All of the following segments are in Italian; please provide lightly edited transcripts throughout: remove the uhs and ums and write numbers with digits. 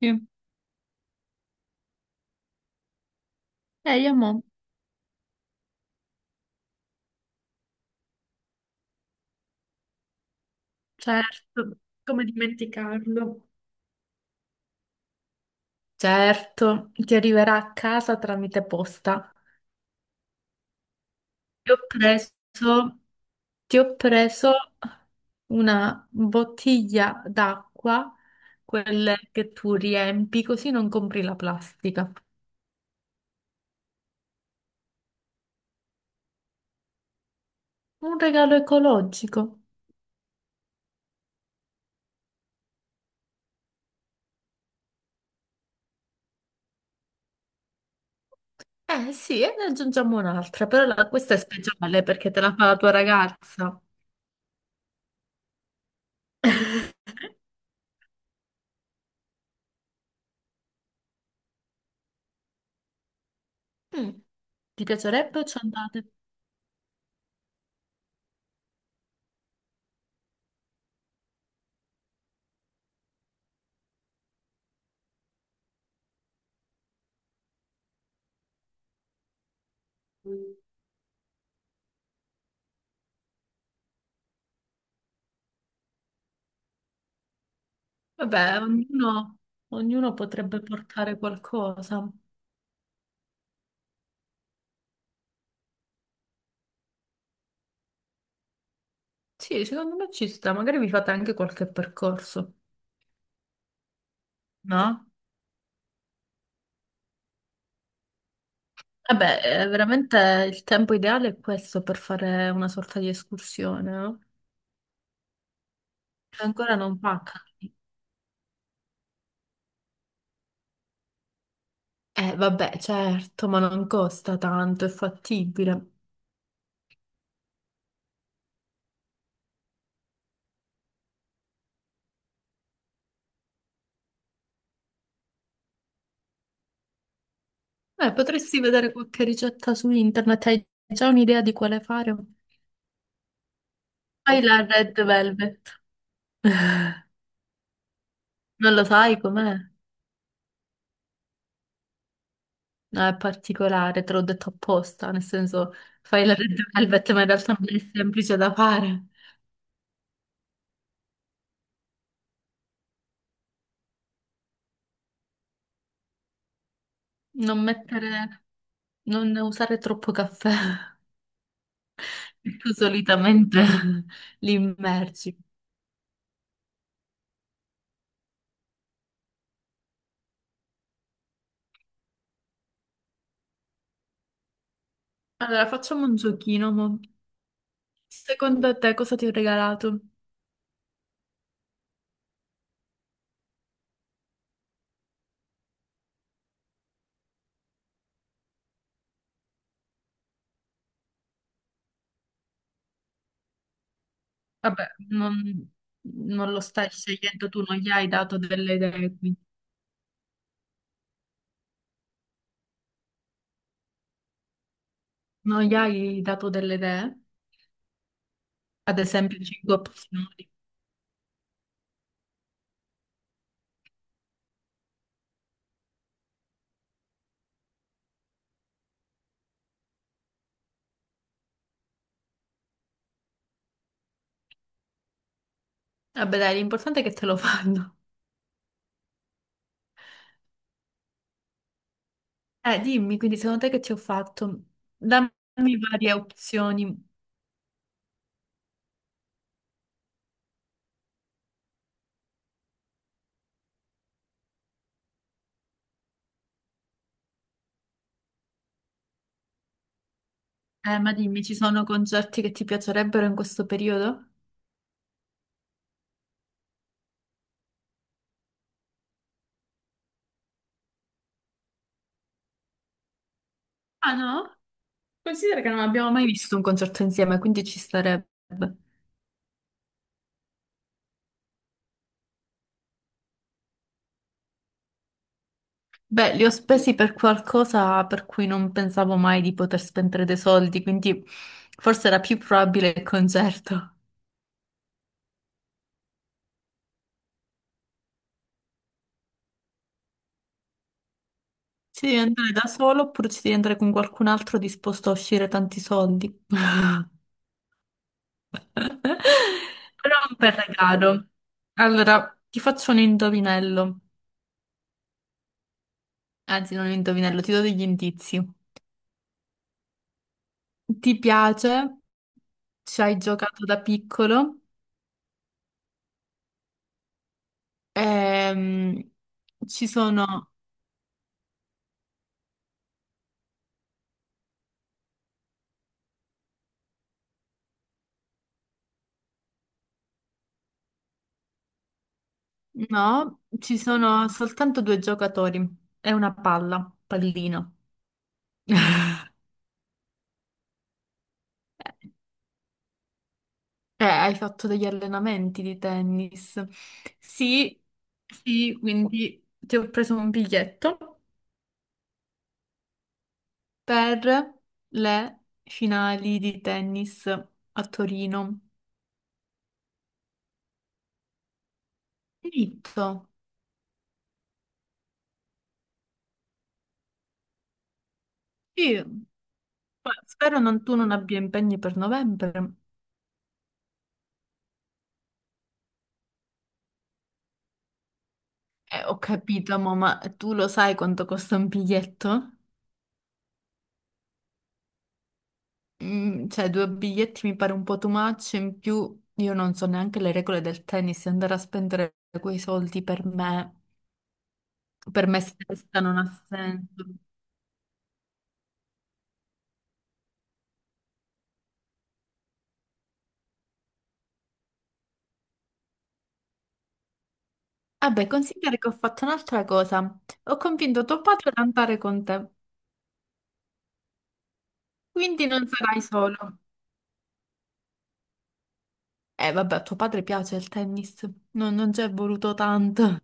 Sì. Eh, io mo, certo, come dimenticarlo. Certo, ti arriverà a casa tramite posta. Ti ho preso, ti ho preso una bottiglia d'acqua, quelle che tu riempi, così non compri la plastica. Un regalo ecologico. Eh sì, e ne aggiungiamo un'altra, però questa è speciale perché te la fa la tua ragazza. Mm. Ti piacerebbe o ci andate? Vabbè, ognuno potrebbe portare qualcosa. Sì, secondo me ci sta, magari vi fate anche qualche percorso, no? Vabbè, veramente il tempo ideale è questo per fare una sorta di escursione, no? Cioè, ancora non pacca. Vabbè, certo, ma non costa tanto, è fattibile. Potresti vedere qualche ricetta su internet, hai già un'idea di quale fare? Fai la Red Velvet. Non lo sai com'è? No, è particolare, te l'ho detto apposta, nel senso fai la Red Velvet, ma in realtà non è semplice da fare. Non mettere, non usare troppo caffè, perché tu solitamente li immergi. Allora, facciamo un giochino, mo. Secondo te cosa ti ho regalato? Vabbè, non lo stai scegliendo tu, non gli hai dato delle idee, quindi. Non gli hai dato delle idee? Ad esempio, cinque opzioni. Vabbè, dai, l'importante è che te lo fanno. Dimmi, quindi secondo te che ti ho fatto? Dammi varie opzioni. Ma dimmi, ci sono concerti che ti piacerebbero in questo periodo? Ah no? Considera che non abbiamo mai visto un concerto insieme, quindi ci starebbe. Beh, li ho spesi per qualcosa per cui non pensavo mai di poter spendere dei soldi, quindi forse era più probabile il concerto. Ci devi andare da solo oppure ci devi andare con qualcun altro disposto a uscire tanti soldi? Però un bel regalo. Allora, ti faccio un indovinello. Anzi, non un indovinello, ti do degli indizi. Ti piace? Ci hai giocato da piccolo? Ehm, ci sono. No, ci sono soltanto due giocatori. È una palla, pallino. Hai fatto degli allenamenti di tennis. Sì, sì, quindi ti ho preso un biglietto per le finali di tennis a Torino. Diritto. Sì, ma spero tu non abbia impegni per novembre. Ho capito, mo, ma tu lo sai quanto costa un biglietto? Cioè, due biglietti mi pare un po' too much, in più io non so neanche le regole del tennis, e andare a spendere quei soldi per me stessa non ha senso. Vabbè, considera che ho fatto un'altra cosa. Ho convinto tuo padre ad andare con te. Quindi non sarai solo. Vabbè, a tuo padre piace il tennis. No, non ci è voluto tanto.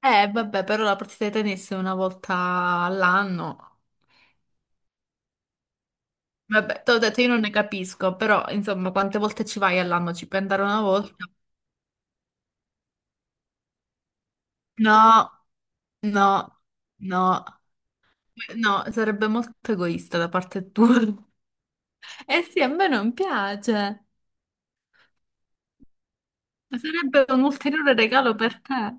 Vabbè, però la partita di tennis è una volta all'anno. Vabbè, te l'ho detto, io non ne capisco, però insomma, quante volte ci vai all'anno? Ci puoi andare una volta? No, no, no, no, sarebbe molto egoista da parte tua. Eh sì, a me non piace. Sarebbe un ulteriore regalo per te.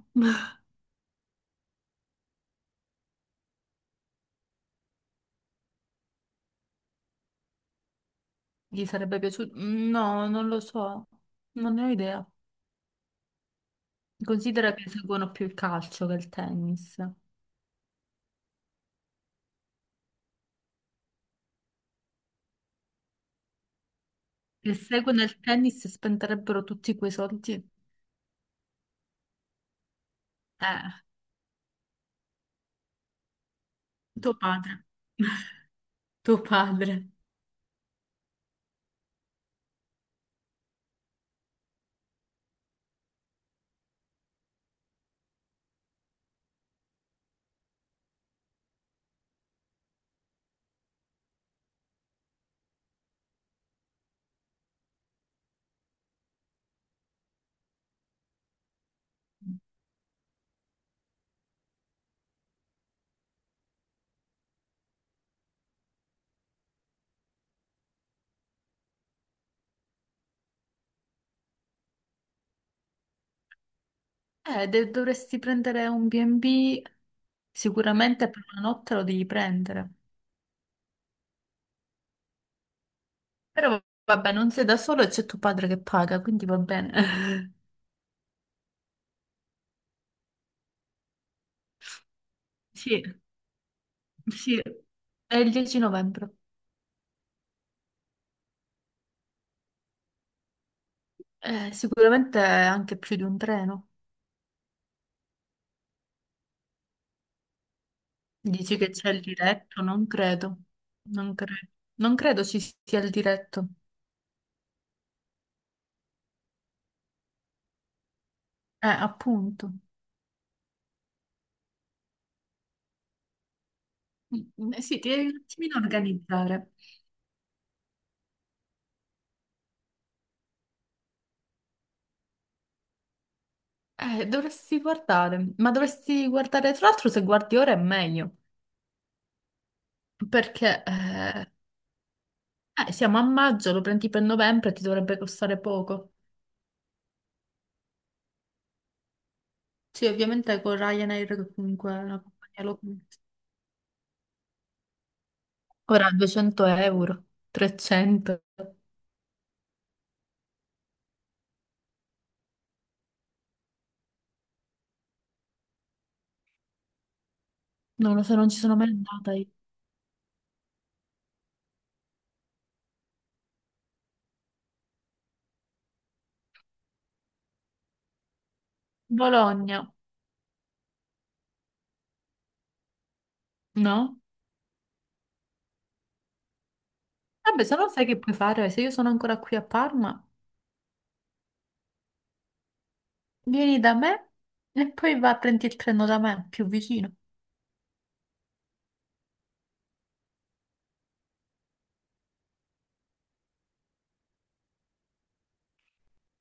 Gli sarebbe piaciuto? No, non lo so, non ne ho idea. Considera che seguono più il calcio che il tennis. Se seguono il tennis spenderebbero tutti quei soldi. Eh, tuo padre. Tuo padre. Dovresti prendere un B&B, sicuramente per una notte lo devi prendere. Però vabbè, non sei da solo e c'è tuo padre che paga, quindi va bene. Sì, sì, è il 10 novembre. Sicuramente anche più di un treno. Dici che c'è il diretto? Non credo. Non credo. Non credo ci sia il diretto. Appunto. Sì, ti devi un attimino organizzare. Dovresti guardare, ma dovresti guardare, tra l'altro, se guardi ora è meglio, perché siamo a maggio, lo prendi per novembre, e ti dovrebbe costare poco. Sì, ovviamente con Ryanair, che comunque è una compagnia low cost. Ora 200 euro, 300. Non lo so, non ci sono mai andata io. Bologna, no? Vabbè, se no sai che puoi fare, se io sono ancora qui a Parma, vieni da me e poi va a prendi il treno da me, più vicino.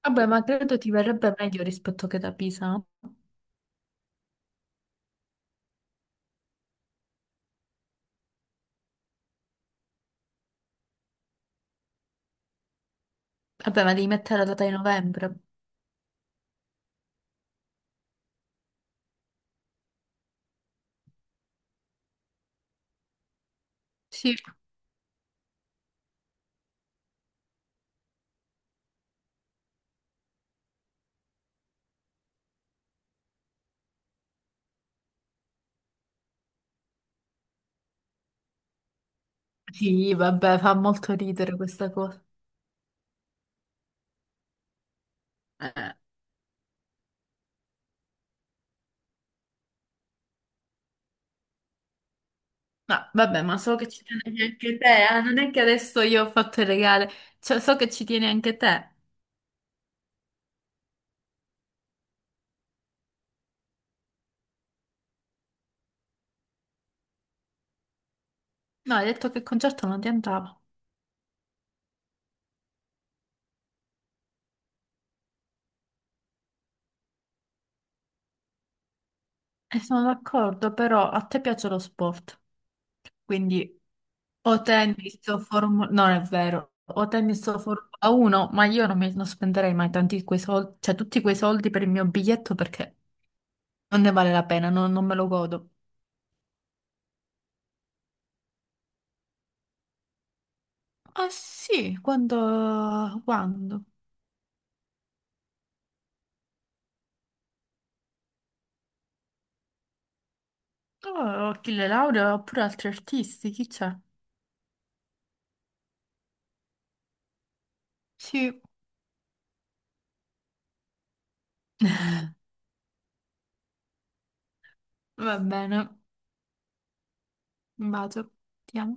Vabbè, ma credo ti verrebbe meglio rispetto che da Pisa, no? Vabbè, ma devi mettere la data di novembre. Sì. Sì, vabbè, fa molto ridere questa cosa. Eh, no, vabbè, ma so che ci tieni anche te, non è che adesso io ho fatto il regale, cioè so che ci tieni anche te. No, hai detto che il concerto non ti andava. E sono d'accordo, però a te piace lo sport, quindi. O tennis o Formula. No, è vero. O tennis o Formula 1, ma io non spenderei mai tanti quei soldi, cioè tutti quei soldi per il mio biglietto perché non ne vale la pena, non me lo godo. Ah sì, quando? Oh, ho chi le laurea oppure altri artisti, chi c'è? Sì, va bene. Un bacio. Ti amo.